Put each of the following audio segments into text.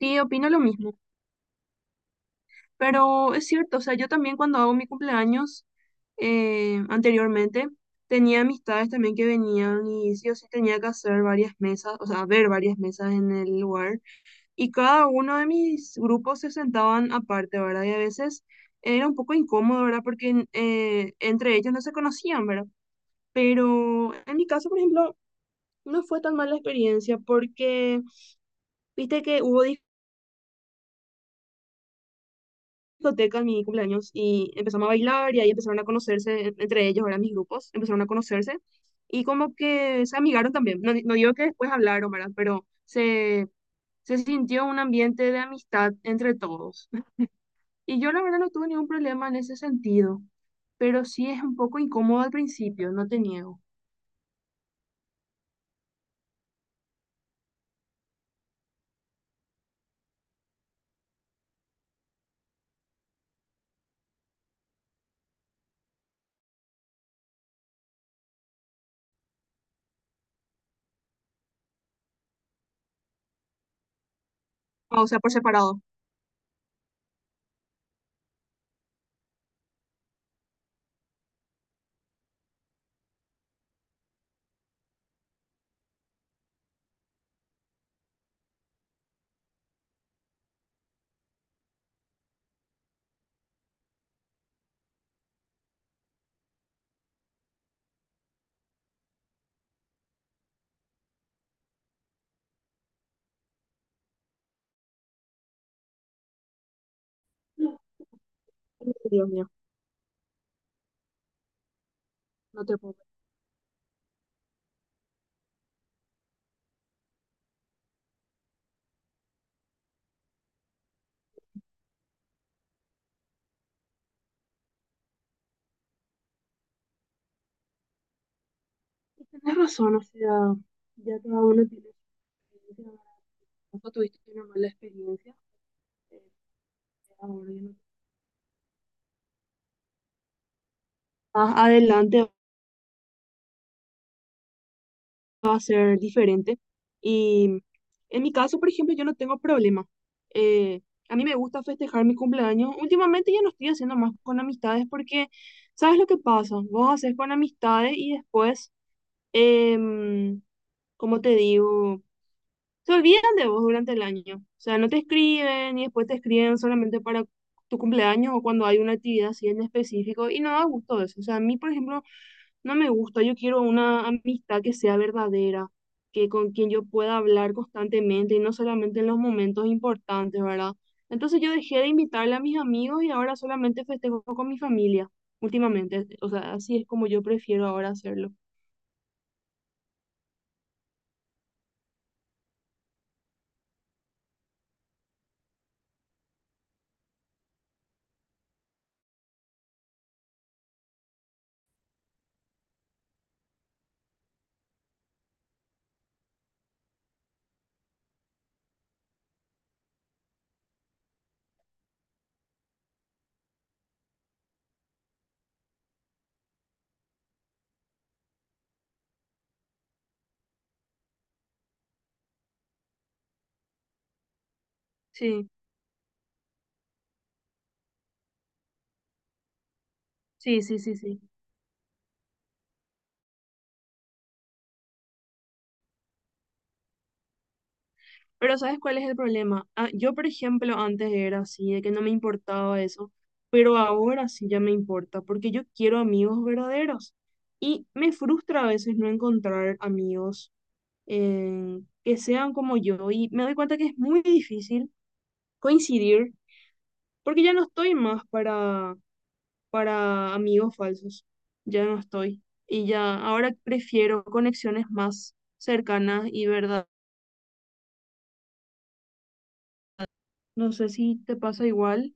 Sí, opino lo mismo, pero es cierto, o sea, yo también cuando hago mi cumpleaños anteriormente tenía amistades también que venían y sí o sí tenía que hacer varias mesas, o sea, ver varias mesas en el lugar y cada uno de mis grupos se sentaban aparte, ¿verdad? Y a veces era un poco incómodo, ¿verdad? Porque entre ellos no se conocían, ¿verdad? Pero en mi caso, por ejemplo, no fue tan mala experiencia porque viste que hubo discoteca en mi cumpleaños y empezamos a bailar y ahí empezaron a conocerse entre ellos, eran mis grupos, empezaron a conocerse y como que se amigaron también. No, no digo que después hablaron, ¿verdad? Pero se sintió un ambiente de amistad entre todos. Y yo la verdad no tuve ningún problema en ese sentido, pero sí es un poco incómodo al principio, no te niego. Ah, o sea, por separado. Ay, Dios mío, no te puedo creer. Tienes razón, o sea, ya cada uno tiene su experiencia, ¿verdad? Vos tuviste una mala experiencia. Ahora ya no- Más adelante va a ser diferente. Y en mi caso, por ejemplo, yo no tengo problema. Eh, a mí me gusta festejar mi cumpleaños. Últimamente ya no estoy haciendo más con amistades porque, ¿sabes lo que pasa? Vos haces con amistades y después, em, ¿cómo te digo? Se olvidan de vos durante el año. O sea, no te escriben y después te escriben solamente para tu cumpleaños o cuando hay una actividad así en específico y no da gusto eso. O sea, a mí, por ejemplo, no me gusta. Yo quiero una amistad que sea verdadera, que con quien yo pueda hablar constantemente y no solamente en los momentos importantes, ¿verdad? Entonces yo dejé de invitarle a mis amigos y ahora solamente festejo con mi familia últimamente. O sea, así es como yo prefiero ahora hacerlo. Sí, sí, sí, sí, sí. Pero ¿sabes cuál es el problema? Ah, yo, por ejemplo, antes era así, de que no me importaba eso, pero ahora sí ya me importa, porque yo quiero amigos verdaderos. Y me frustra a veces no encontrar amigos que sean como yo. Y me doy cuenta que es muy difícil coincidir, porque ya no estoy más para amigos falsos. Ya no estoy. Y ya, ahora prefiero conexiones más cercanas y verdad. No sé si te pasa igual.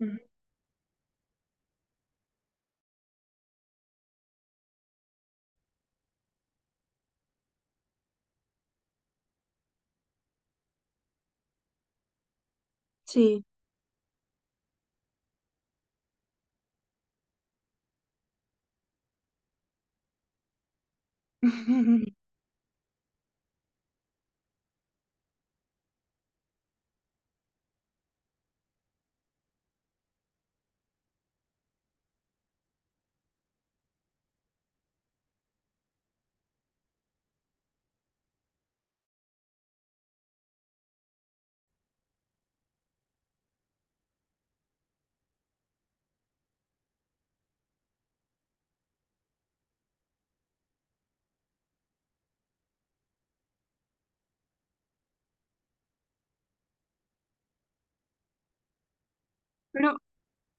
Ujú. Sí, pero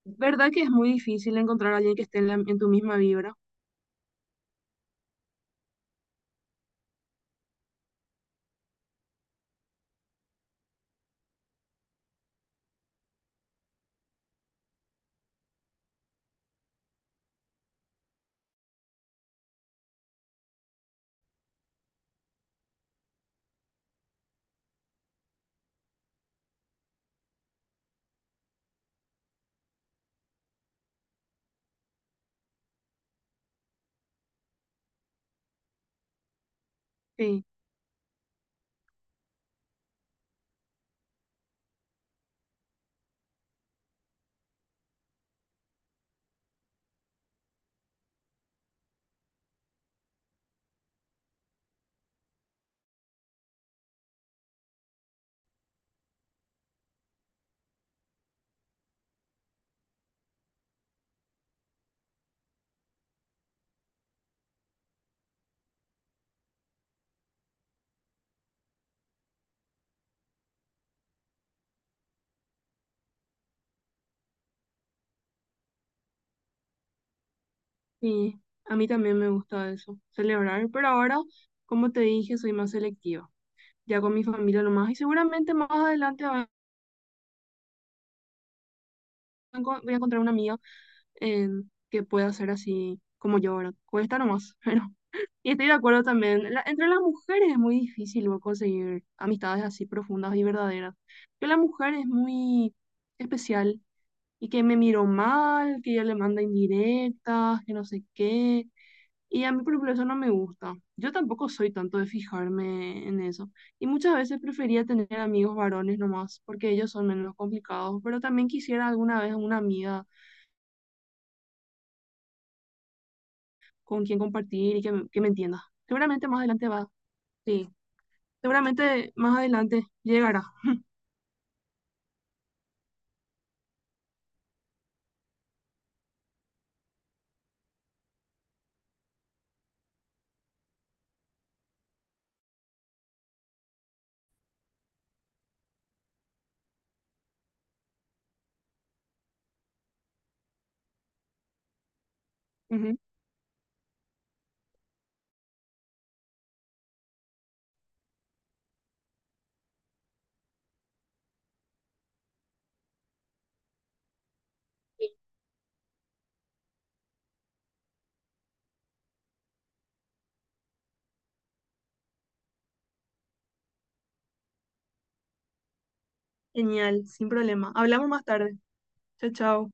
verdad que es muy difícil encontrar a alguien que esté en tu misma vibra. Sí, sí, a mí también me gusta eso, celebrar, pero ahora, como te dije, soy más selectiva, ya con mi familia nomás, y seguramente más adelante voy a encontrar una amiga en que pueda ser así como yo, ¿verdad? Cuesta nomás, pero... Y estoy de acuerdo también, entre las mujeres es muy difícil luego conseguir amistades así profundas y verdaderas, que la mujer es muy especial y que me miró mal, que ella le manda indirectas, que no sé qué. Y a mí, por ejemplo, eso no me gusta. Yo tampoco soy tanto de fijarme en eso. Y muchas veces prefería tener amigos varones nomás, porque ellos son menos complicados, pero también quisiera alguna vez una amiga con quien compartir y que me entienda. Seguramente más adelante va. Sí, seguramente más adelante llegará. Ujú. Sí. Genial, sin problema. Hablamos más tarde. Chao, chao.